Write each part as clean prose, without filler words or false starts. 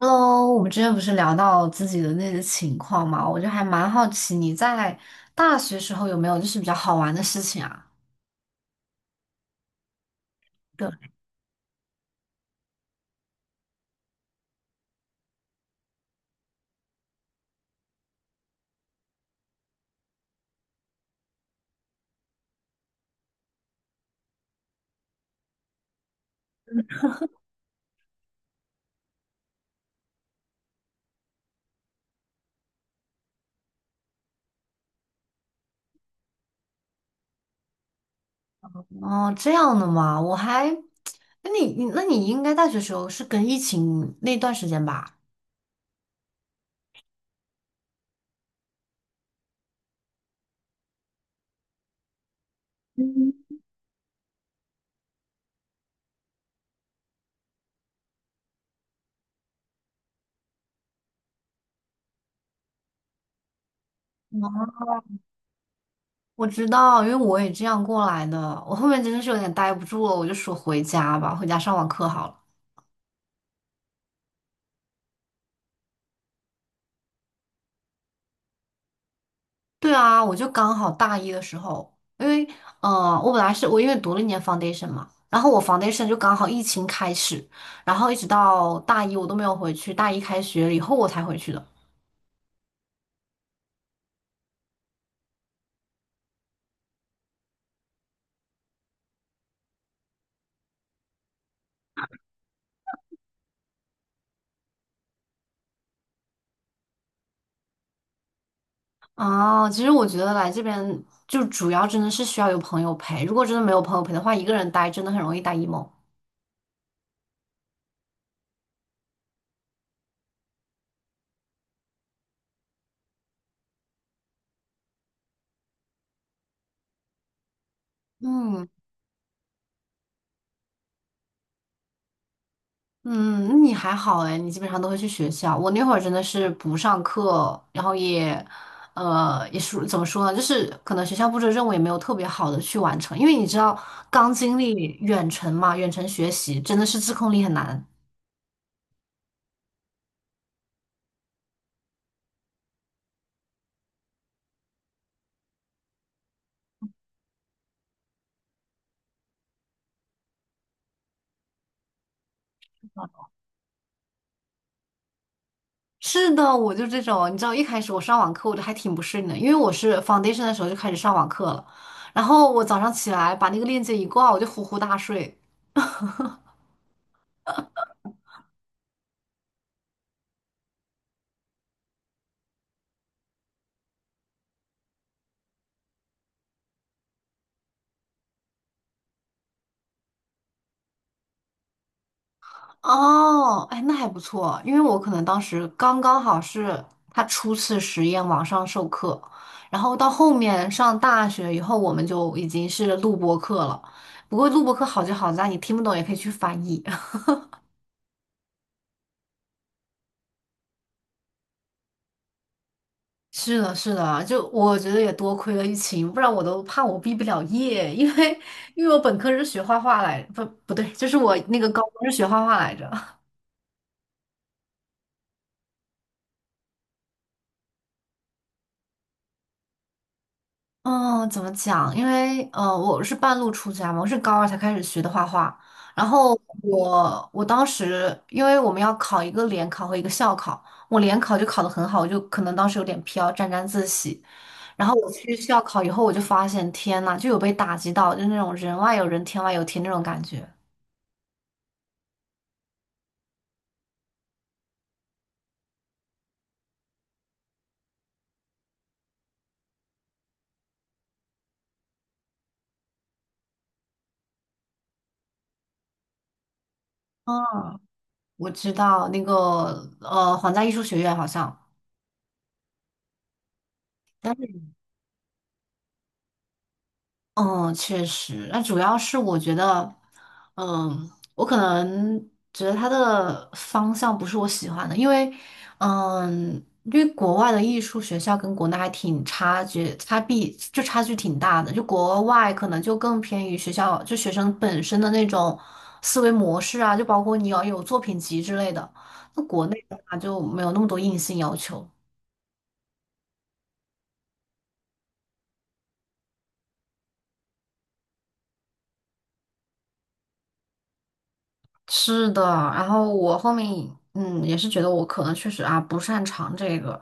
Hello，我们之前不是聊到自己的那些情况嘛，我就还蛮好奇你在大学时候有没有就是比较好玩的事情啊？对。哦，这样的嘛，我还，那你应该大学时候是跟疫情那段时间吧？嗯。嗯我知道，因为我也这样过来的，我后面真的是有点待不住了，我就说回家吧，回家上网课好了。对啊，我就刚好大一的时候，因为我本来因为读了一年 foundation 嘛，然后我 foundation 就刚好疫情开始，然后一直到大一我都没有回去，大一开学了以后我才回去的。啊，其实我觉得来这边就主要真的是需要有朋友陪，如果真的没有朋友陪的话，一个人待真的很容易待 emo。嗯。嗯，那你还好哎，你基本上都会去学校。我那会儿真的是不上课，然后也，也是怎么说呢，就是可能学校布置的任务也没有特别好的去完成，因为你知道刚经历远程嘛，远程学习真的是自控力很难。是的，我就这种，你知道一开始我上网课我就还挺不适应的，因为我是 foundation 的时候就开始上网课了，然后我早上起来把那个链接一挂，我就呼呼大睡。哦，哎，那还不错，因为我可能当时刚刚好是他初次实验网上授课，然后到后面上大学以后，我们就已经是录播课了。不过录播课好就好在你听不懂也可以去翻译。是的，是的，就我觉得也多亏了疫情，不然我都怕我毕不了业，因为因为我本科是学画画来，不对，就是我那个高中是学画画来着。嗯，怎么讲？因为我是半路出家嘛，我是高二才开始学的画画。然后我当时因为我们要考一个联考和一个校考，我联考就考得很好，我就可能当时有点飘，沾沾自喜。然后我去校考以后，我就发现天呐，就有被打击到，就是那种人外有人，天外有天那种感觉。嗯，我知道那个皇家艺术学院好像。但是。嗯，确实，那主要是我觉得，嗯，我可能觉得它的方向不是我喜欢的，因为，嗯，因为国外的艺术学校跟国内还挺差距，差别就差距挺大的。就国外可能就更偏于学校，就学生本身的那种思维模式啊，就包括你要有作品集之类的。那国内的话就没有那么多硬性要求。是的，然后我后面嗯也是觉得我可能确实啊不擅长这个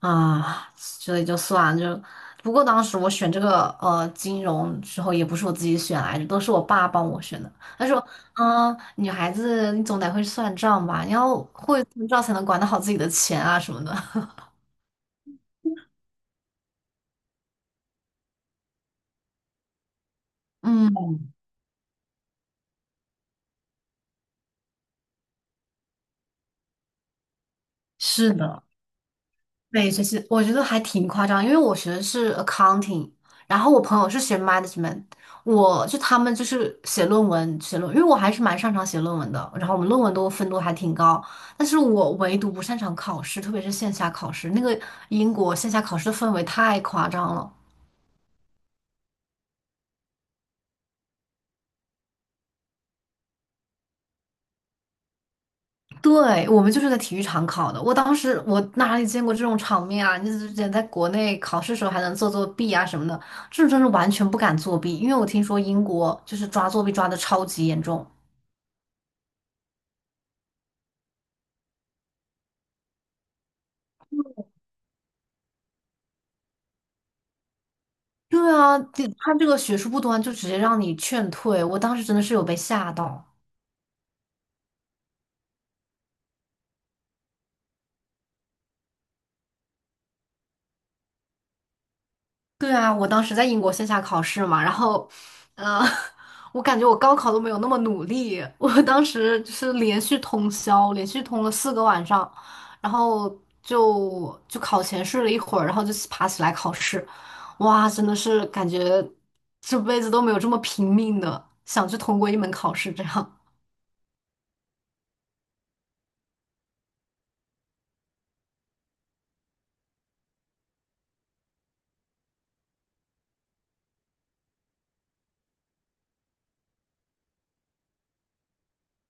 啊，所以就算了就。不过当时我选这个金融时候也不是我自己选来的，都是我爸帮我选的。他说，嗯，女孩子你总得会算账吧，你要会算账才能管得好自己的钱啊什么的。嗯，是的。对，其实我觉得还挺夸张，因为我学的是 accounting，然后我朋友是学 management，他们就是写论文，因为我还是蛮擅长写论文的，然后我们论文都分都还挺高，但是我唯独不擅长考试，特别是线下考试，那个英国线下考试的氛围太夸张了。对，我们就是在体育场考的。我当时我哪里见过这种场面啊？你之前在国内考试的时候还能做作弊啊什么的，这种真是完全不敢作弊，因为我听说英国就是抓作弊抓的超级严重。对啊，这个学术不端就直接让你劝退，我当时真的是有被吓到。对啊，我当时在英国线下考试嘛，然后，呃，我感觉我高考都没有那么努力，我当时就是连续通宵，连续通了四个晚上，然后就考前睡了一会儿，然后就爬起来考试，哇，真的是感觉这辈子都没有这么拼命的想去通过一门考试这样。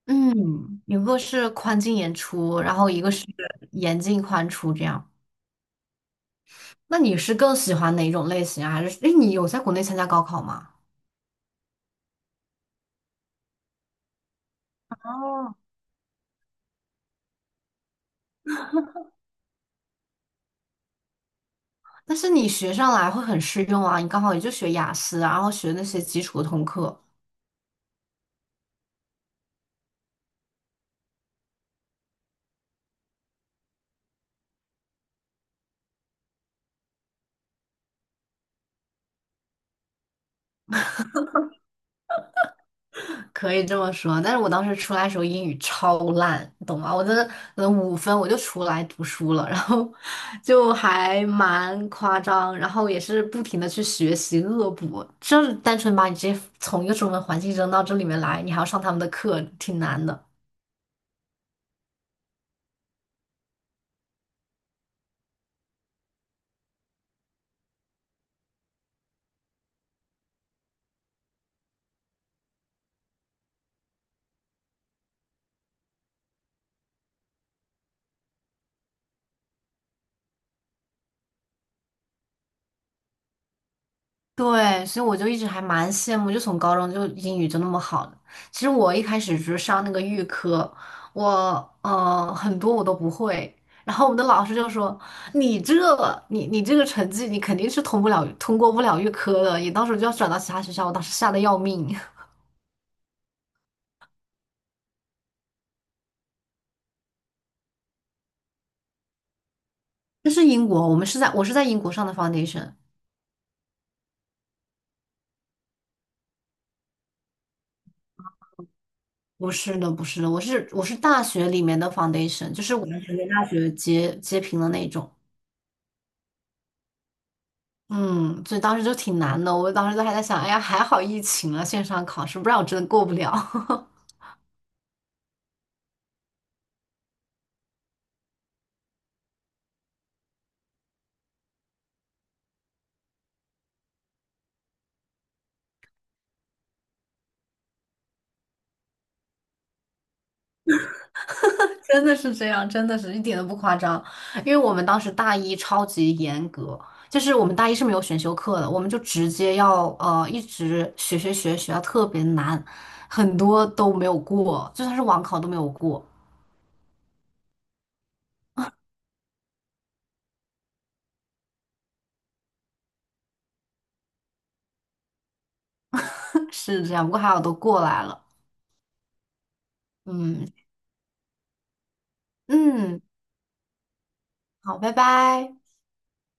嗯，一个是宽进严出，然后一个是严进宽出这样。那你是更喜欢哪种类型啊？还是，诶，你有在国内参加高考吗？哦，但是你学上来会很适用啊，你刚好也就学雅思啊然后学那些基础的通课，可以这么说。但是我当时出来的时候英语超烂，你懂吗？我真的可能五分我就出来读书了，然后就还蛮夸张，然后也是不停的去学习恶补，就是单纯把你直接从一个中文环境扔到这里面来，你还要上他们的课，挺难的。对，所以我就一直还蛮羡慕，就从高中就英语就那么好的。其实我一开始只是上那个预科，我很多我都不会。然后我们的老师就说：“你这你这个成绩，你肯定是通过不了预科的，你到时候就要转到其他学校。”我当时吓得要命。这是英国，我是在英国上的 foundation。不是的，不是的，我是大学里面的 foundation，就是完全跟大学截平的那种。嗯，所以当时就挺难的。我当时都还在想，哎呀，还好疫情了，线上考试，不然我真的过不了。真的是这样，真的是一点都不夸张。因为我们当时大一超级严格，就是我们大一是没有选修课的，我们就直接要一直学，学到特别难，很多都没有过，就算是网考都没有过。是这样，不过还好都过来了。嗯嗯，好，拜拜。